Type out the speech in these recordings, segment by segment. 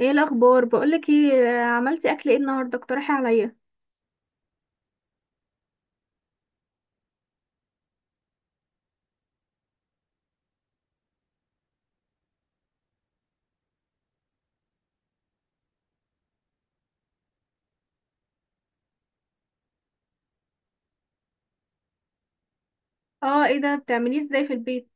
ايه الاخبار؟ بقولك ايه. عملتي اكل ايه النهارده؟ اقترحي عليا. اه، ايه ده؟ بتعمليه ازاي في البيت؟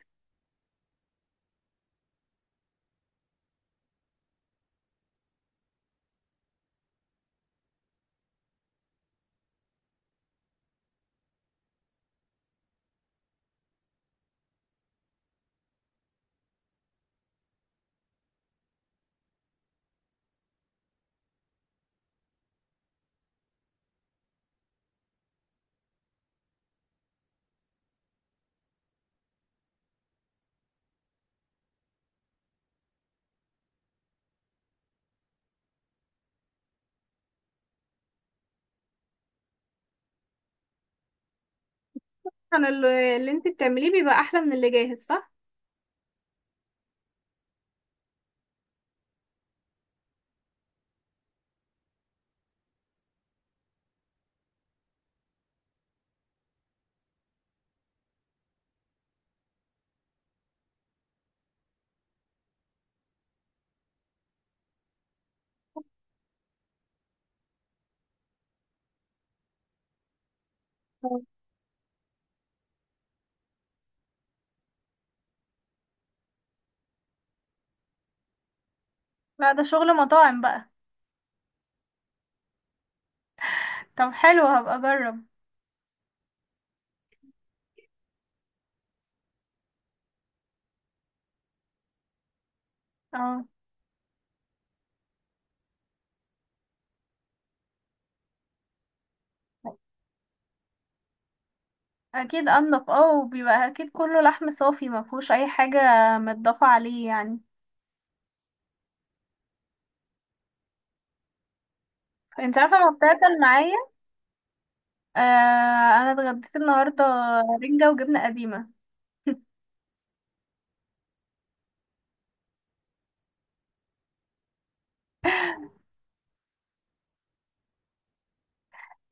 انا اللي انت بتعمليه بيبقى احلى من اللي جاهز، صح؟ لا، ده شغل مطاعم بقى. طب حلو، هبقى اجرب. اه، اكيد انضف. اه وبيبقى اكيد كله لحم صافي، ما فيهوش اي حاجه متضافه عليه يعني. انت عارفه، ما بتاكل معايا. آه، انا اتغديت النهارده رنجه وجبنه قديمه.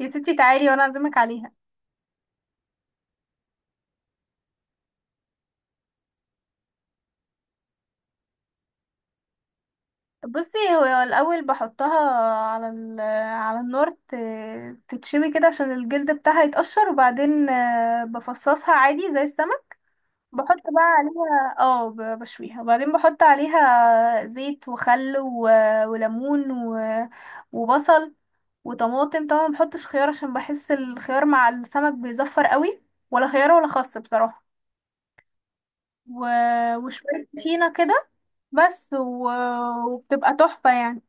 يا ستي، تعالي وانا اعزمك عليها. بصي، هو الاول بحطها على ال على النار تتشوي كده عشان الجلد بتاعها يتقشر، وبعدين بفصصها عادي زي السمك. بحط بقى عليها بشويها، وبعدين بحط عليها زيت وخل وليمون وبصل وطماطم، طبعا ما بحطش خيار عشان بحس الخيار مع السمك بيزفر قوي، ولا خيار ولا خس بصراحة، و... وشوية طحينة كده. بس، وبتبقى تحفة يعني.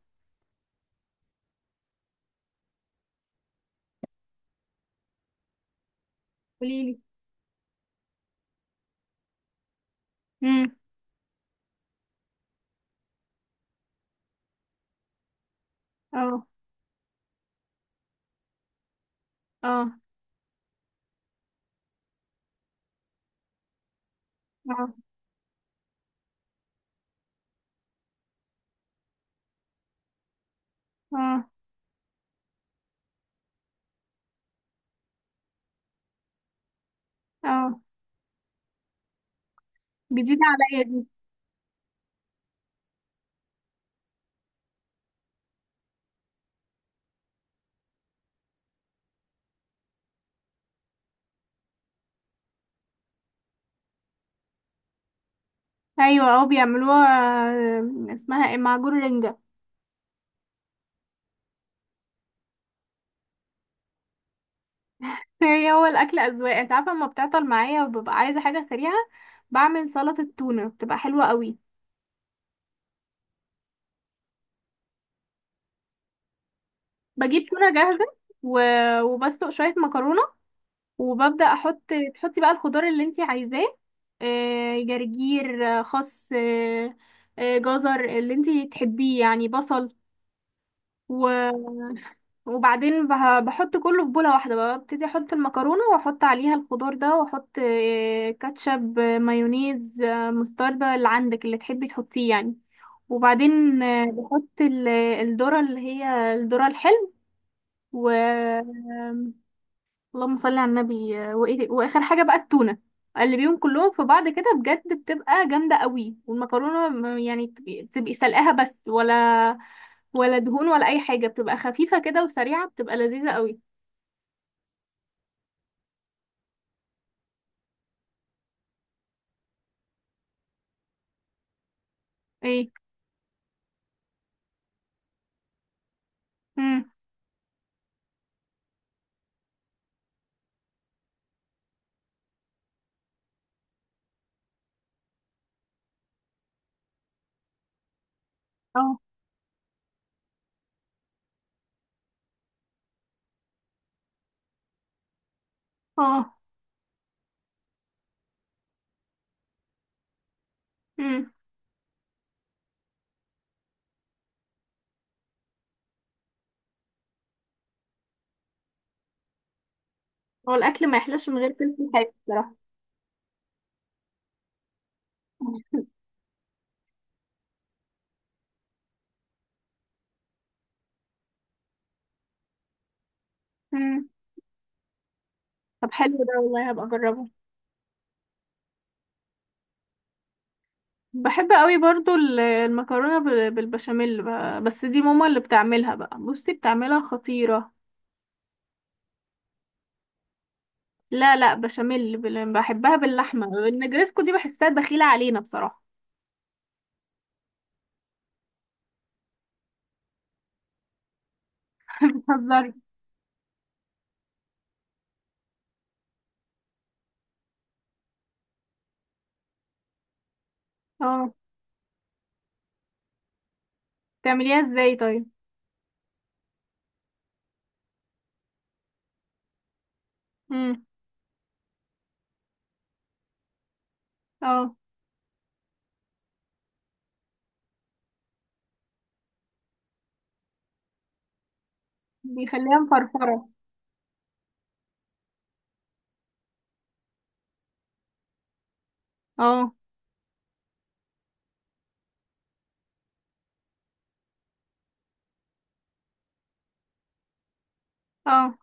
قوليلي. اه. اه. اه. اه. اه. جديدة عليا دي. ايوه، اه، بيعملوها. اسمها ايه؟ معجون رنجة. هو الاكل اذواق، انت عارفة، لما بتعطل معايا وببقى عايزة حاجة سريعة بعمل سلطة تونة، بتبقى حلوة قوي. بجيب تونة جاهزة و... وبسلق شوية مكرونة، وببدأ احط. تحطي بقى الخضار اللي انت عايزاه، جرجير، خس، جزر، اللي انت تحبيه يعني، بصل. وبعدين بحط كله في بولة واحدة، بقى ببتدي احط المكرونة واحط عليها الخضار ده، واحط كاتشب، مايونيز، مستردة، اللي عندك اللي تحبي تحطيه يعني. وبعدين بحط الذرة اللي هي الذرة الحلو. و اللهم صل على النبي، واخر حاجة بقى التونة. اقلبيهم كلهم في بعض كده، بجد بتبقى جامدة قوي. والمكرونة يعني تبقي سلقاها بس، ولا دهون ولا اي حاجة، بتبقى خفيفة كده وسريعة، بتبقى لذيذة قوي. ايه؟ امم. اه. اه. امم. هو الاكل ما يحلاش من غير فلفل حامي بصراحه. امم. طب حلو ده، والله هبقى اجربه. بحب قوي برضو المكرونه بالبشاميل بقى. بس دي ماما اللي بتعملها بقى، بصي بتعملها خطيره. لا، لا، بشاميل. بحبها باللحمه. النجرسكو دي بحسها دخيله علينا بصراحه. بتهزري؟ اه، بتعمليها ازاي طيب؟ امم. اه، بيخليها مفرفره. اه. اه.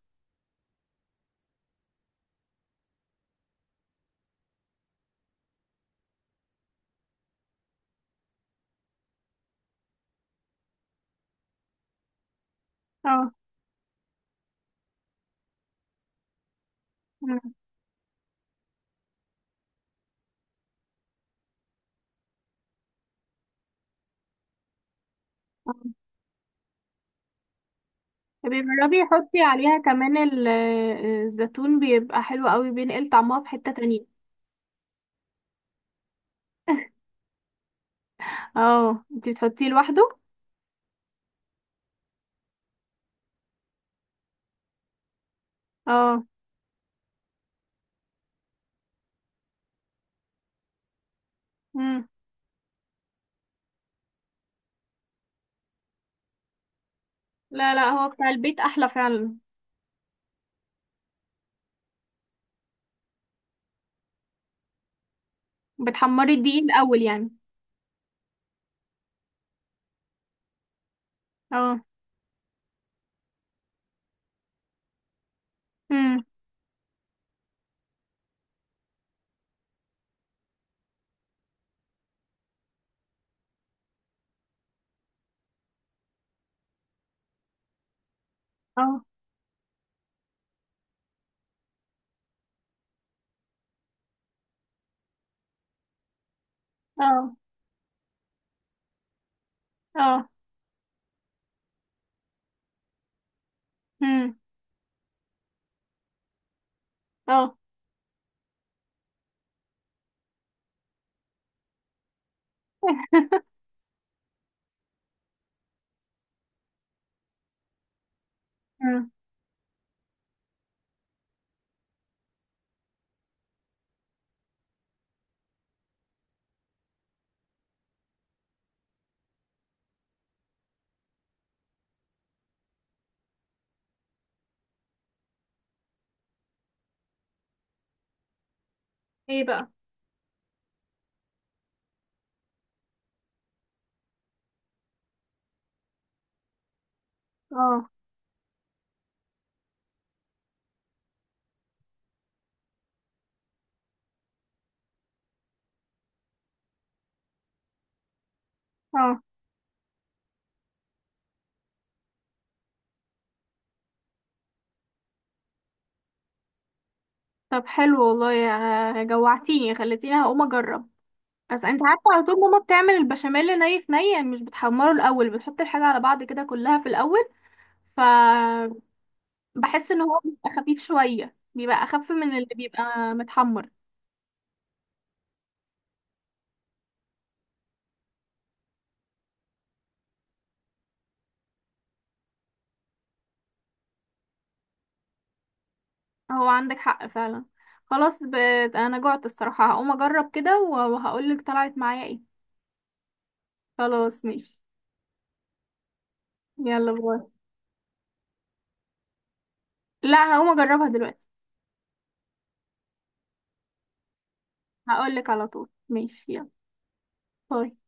اه. مم. اه. بيجربي حطي عليها كمان الزيتون بيبقى حلو قوي، بينقل طعمها في حتة تانية. اه، انتي بتحطيه لوحده؟ اه. امم. لا، لا، هو بتاع البيت احلى فعلا. بتحمري الدقيق الاول يعني؟ اه. امم. اه. اه. اه. امم. اه. امم. ايه بقى؟ اه. اه. طب حلو والله، جوعتيني، خليتيني هقوم اجرب. بس انت عارفه، على طول ماما بتعمل البشاميل ني في ني، يعني مش بتحمره الاول، بتحط الحاجه على بعض كده كلها في الاول. ف، بحس ان هو بيبقى خفيف شوية، بيبقى اخف من اللي بيبقى متحمر. هو عندك حق فعلا. خلاص. انا جعت الصراحة، هقوم اجرب كده و- وهقولك طلعت معايا ايه. خلاص ماشي. يلا، باي. لا، هقوم اجربها دلوقتي. هقولك على طول. ماشي، يلا. باي.